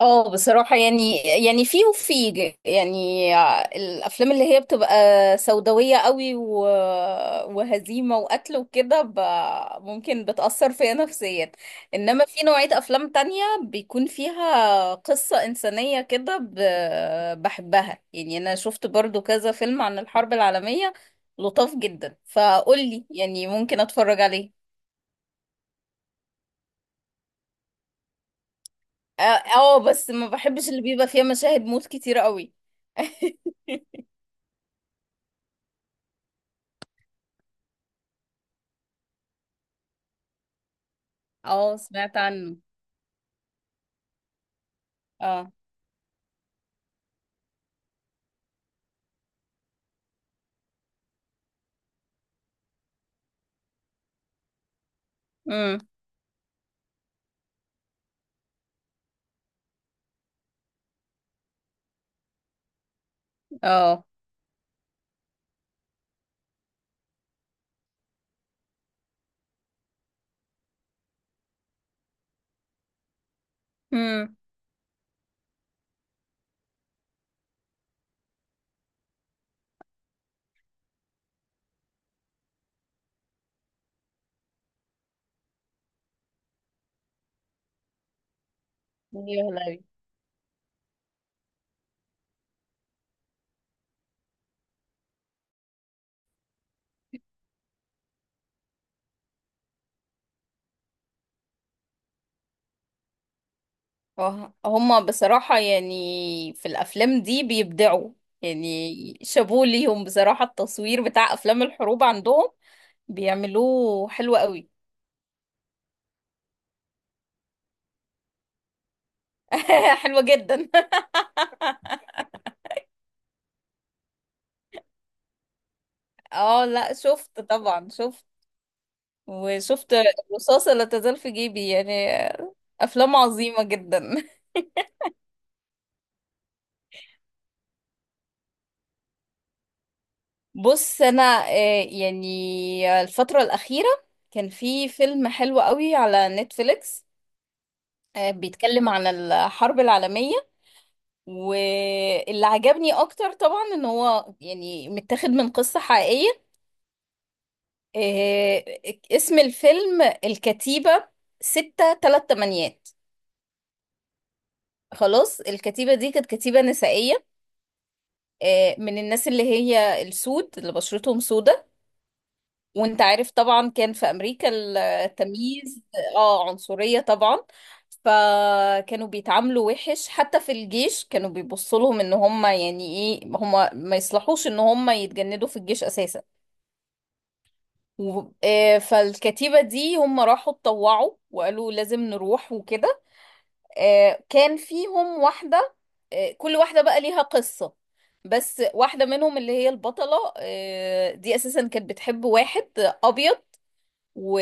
اه، بصراحة يعني يعني الأفلام اللي هي بتبقى سوداوية قوي، وهزيمة وقتل وكده، ممكن بتأثر فيا نفسيا. إنما في نوعية أفلام تانية بيكون فيها قصة إنسانية كده، بحبها. يعني أنا شفت برضو كذا فيلم عن الحرب العالمية لطاف جدا، فقولي يعني ممكن أتفرج عليه. اه، بس ما بحبش اللي بيبقى فيها مشاهد موت كتير قوي. اه، سمعت عنه. اه. امم. اه. امم. ايوه لهوي. آه. هما بصراحة يعني في الأفلام دي بيبدعوا. يعني شابوه ليهم، بصراحة التصوير بتاع أفلام الحروب عندهم بيعملوه حلو قوي. حلوة جدا. اه، لا، شفت طبعا، شفت. وشفت الرصاصة لا تزال في جيبي، يعني أفلام عظيمة جدا. بص انا، يعني الفترة الأخيرة كان في فيلم حلو قوي على نتفليكس. بيتكلم عن الحرب العالمية، واللي عجبني اكتر طبعا ان هو يعني متاخد من قصة حقيقية. آه، اسم الفيلم الكتيبة ستة تلات تمانيات. خلاص، الكتيبة دي كانت كتيبة نسائية، من الناس اللي هي السود اللي بشرتهم سودة. وانت عارف طبعا كان في امريكا التمييز. اه، عنصرية طبعا. فكانوا بيتعاملوا وحش، حتى في الجيش كانوا بيبصوا لهم ان هم يعني ايه هم ما يصلحوش ان هم يتجندوا في الجيش اساسا. فالكتيبة دي هم راحوا اتطوعوا وقالوا لازم نروح وكده. كان فيهم واحدة، كل واحدة بقى ليها قصة. بس واحدة منهم اللي هي البطلة دي أساسا كانت بتحب واحد أبيض و...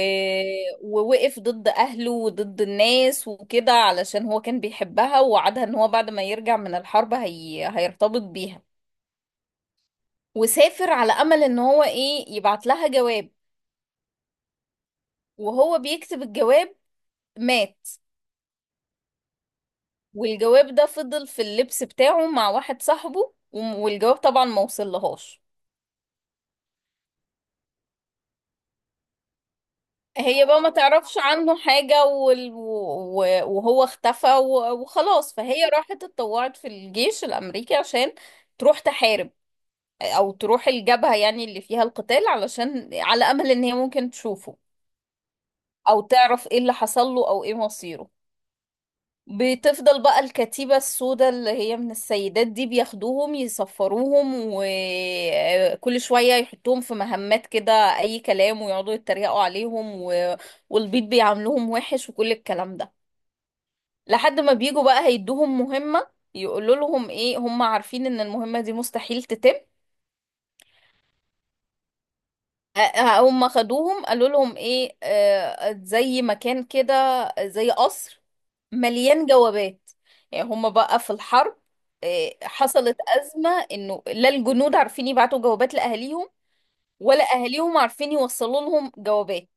ووقف ضد أهله وضد الناس وكده علشان هو كان بيحبها، ووعدها ان هو بعد ما يرجع من الحرب، هيرتبط بيها. وسافر على أمل ان هو ايه يبعت لها جواب. وهو بيكتب الجواب، مات. والجواب ده فضل في اللبس بتاعه مع واحد صاحبه، والجواب طبعا ما وصلهاش. هي بقى ما تعرفش عنه حاجة، وهو اختفى، وخلاص، فهي راحت اتطوعت في الجيش الأمريكي عشان تروح تحارب، او تروح الجبهة يعني اللي فيها القتال، علشان على امل ان هي ممكن تشوفه او تعرف ايه اللي حصل له او ايه مصيره. بتفضل بقى الكتيبة السوداء اللي هي من السيدات دي بياخدوهم يصفروهم، وكل شوية يحطوهم في مهمات كده أي كلام، ويقعدوا يتريقوا عليهم، والبيض بيعاملوهم وحش وكل الكلام ده. لحد ما بيجوا بقى هيدوهم مهمة، يقولوا لهم ايه هم عارفين ان المهمة دي مستحيل تتم. هم خدوهم قالوا لهم ايه، زي مكان كده، زي قصر مليان جوابات. يعني هم بقى في الحرب، حصلت أزمة انه لا الجنود عارفين يبعتوا جوابات لأهاليهم، ولا أهاليهم عارفين يوصلوا لهم جوابات.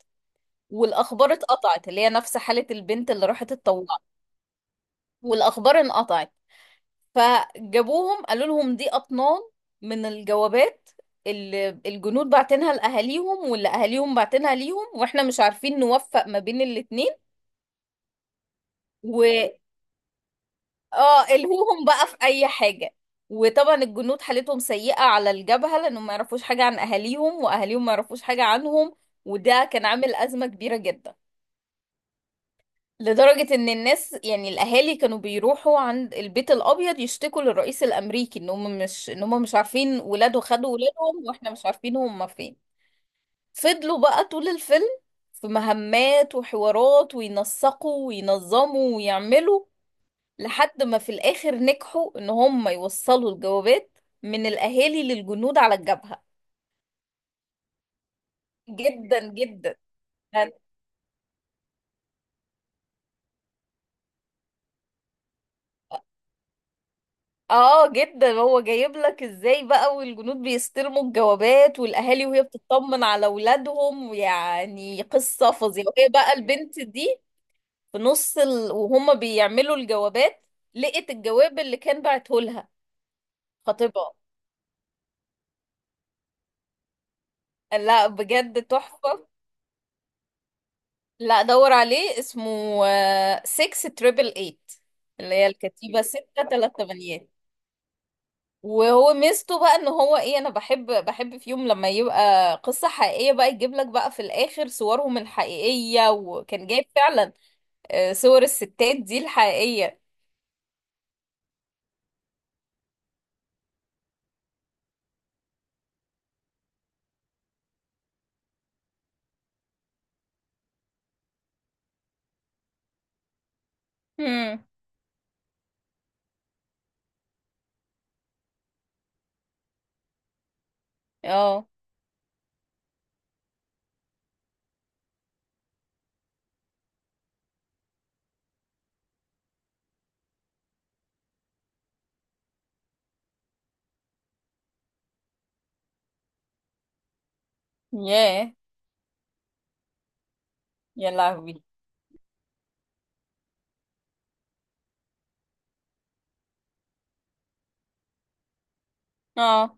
والأخبار اتقطعت، اللي هي نفس حالة البنت اللي راحت اتطوعت، والأخبار انقطعت. فجابوهم قالوا لهم دي أطنان من الجوابات اللي الجنود بعتنها لأهاليهم واللي أهاليهم بعتنها ليهم، واحنا مش عارفين نوفق ما بين الاتنين. و اه الهوهم بقى في أي حاجة. وطبعا الجنود حالتهم سيئة على الجبهة لأنهم ما يعرفوش حاجة عن أهاليهم، وأهاليهم ما يعرفوش حاجة عنهم. وده كان عامل أزمة كبيرة جدا، لدرجة ان الناس يعني الاهالي كانوا بيروحوا عند البيت الابيض يشتكوا للرئيس الامريكي ان هم مش عارفين ولاده خدوا ولادهم، واحنا مش عارفين هم فين. فضلوا بقى طول الفيلم في مهمات وحوارات وينسقوا وينظموا ويعملوا، لحد ما في الاخر نجحوا ان هم يوصلوا الجوابات من الاهالي للجنود على الجبهة. جدا جدا. اه، جدا. هو جايب لك ازاي بقى، والجنود بيستلموا الجوابات والاهالي وهي بتطمن على اولادهم، يعني قصه فظيعه. وهي بقى البنت دي في، وهم بيعملوا الجوابات لقت الجواب اللي كان بعته لها خطيبها. لا، بجد تحفه. لا، دور عليه، اسمه 6 تريبل 8، اللي هي الكتيبه 6 3. وهو ميزته بقى ان هو ايه، انا بحب في يوم لما يبقى قصة حقيقية بقى يجيب لك بقى في الاخر صورهم الحقيقية، وكان جايب فعلا صور الستات دي الحقيقية. هم. اه. ياه. يا لهوي. اه.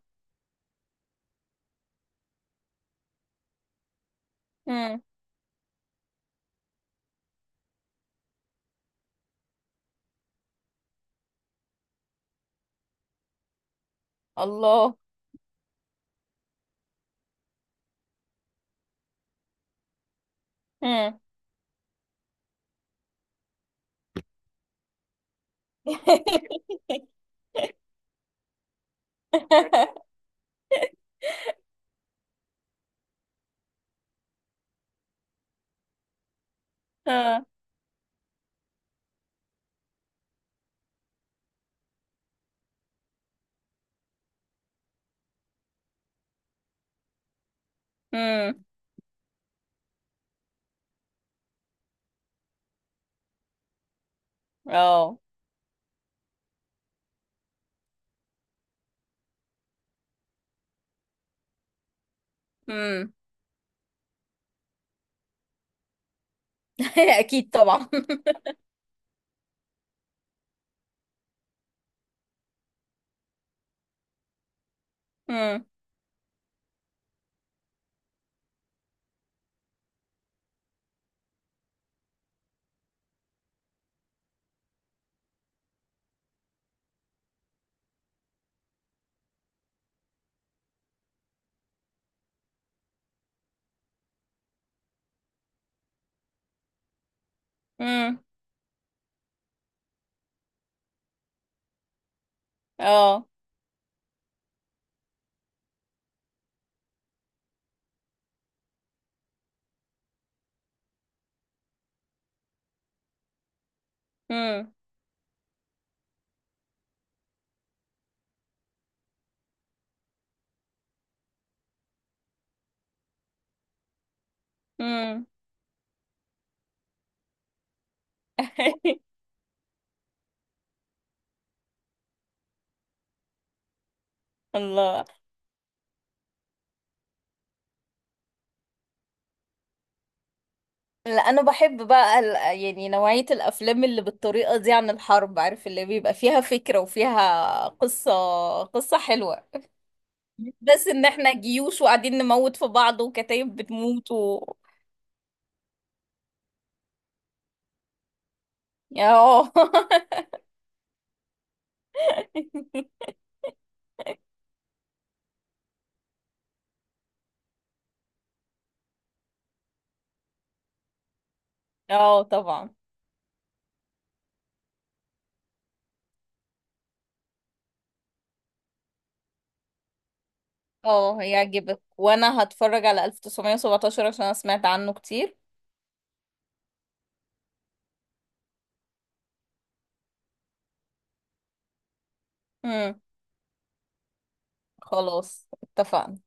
هم. الله. هم. اه. هم. اه. هم. اكيد طبعا. هم. هم. اه. هم. هم. الله. لا، انا بحب بقى يعني نوعية الافلام اللي بالطريقة دي عن الحرب، عارف اللي بيبقى فيها فكرة وفيها قصة، قصة حلوة. مش بس ان احنا جيوش وقاعدين نموت في بعض وكتايب بتموت و اه. اه، طبعا. اه، هيعجبك، وانا هتفرج على 1917 عشان انا سمعت عنه كتير. امم. خلاص، اتفقنا.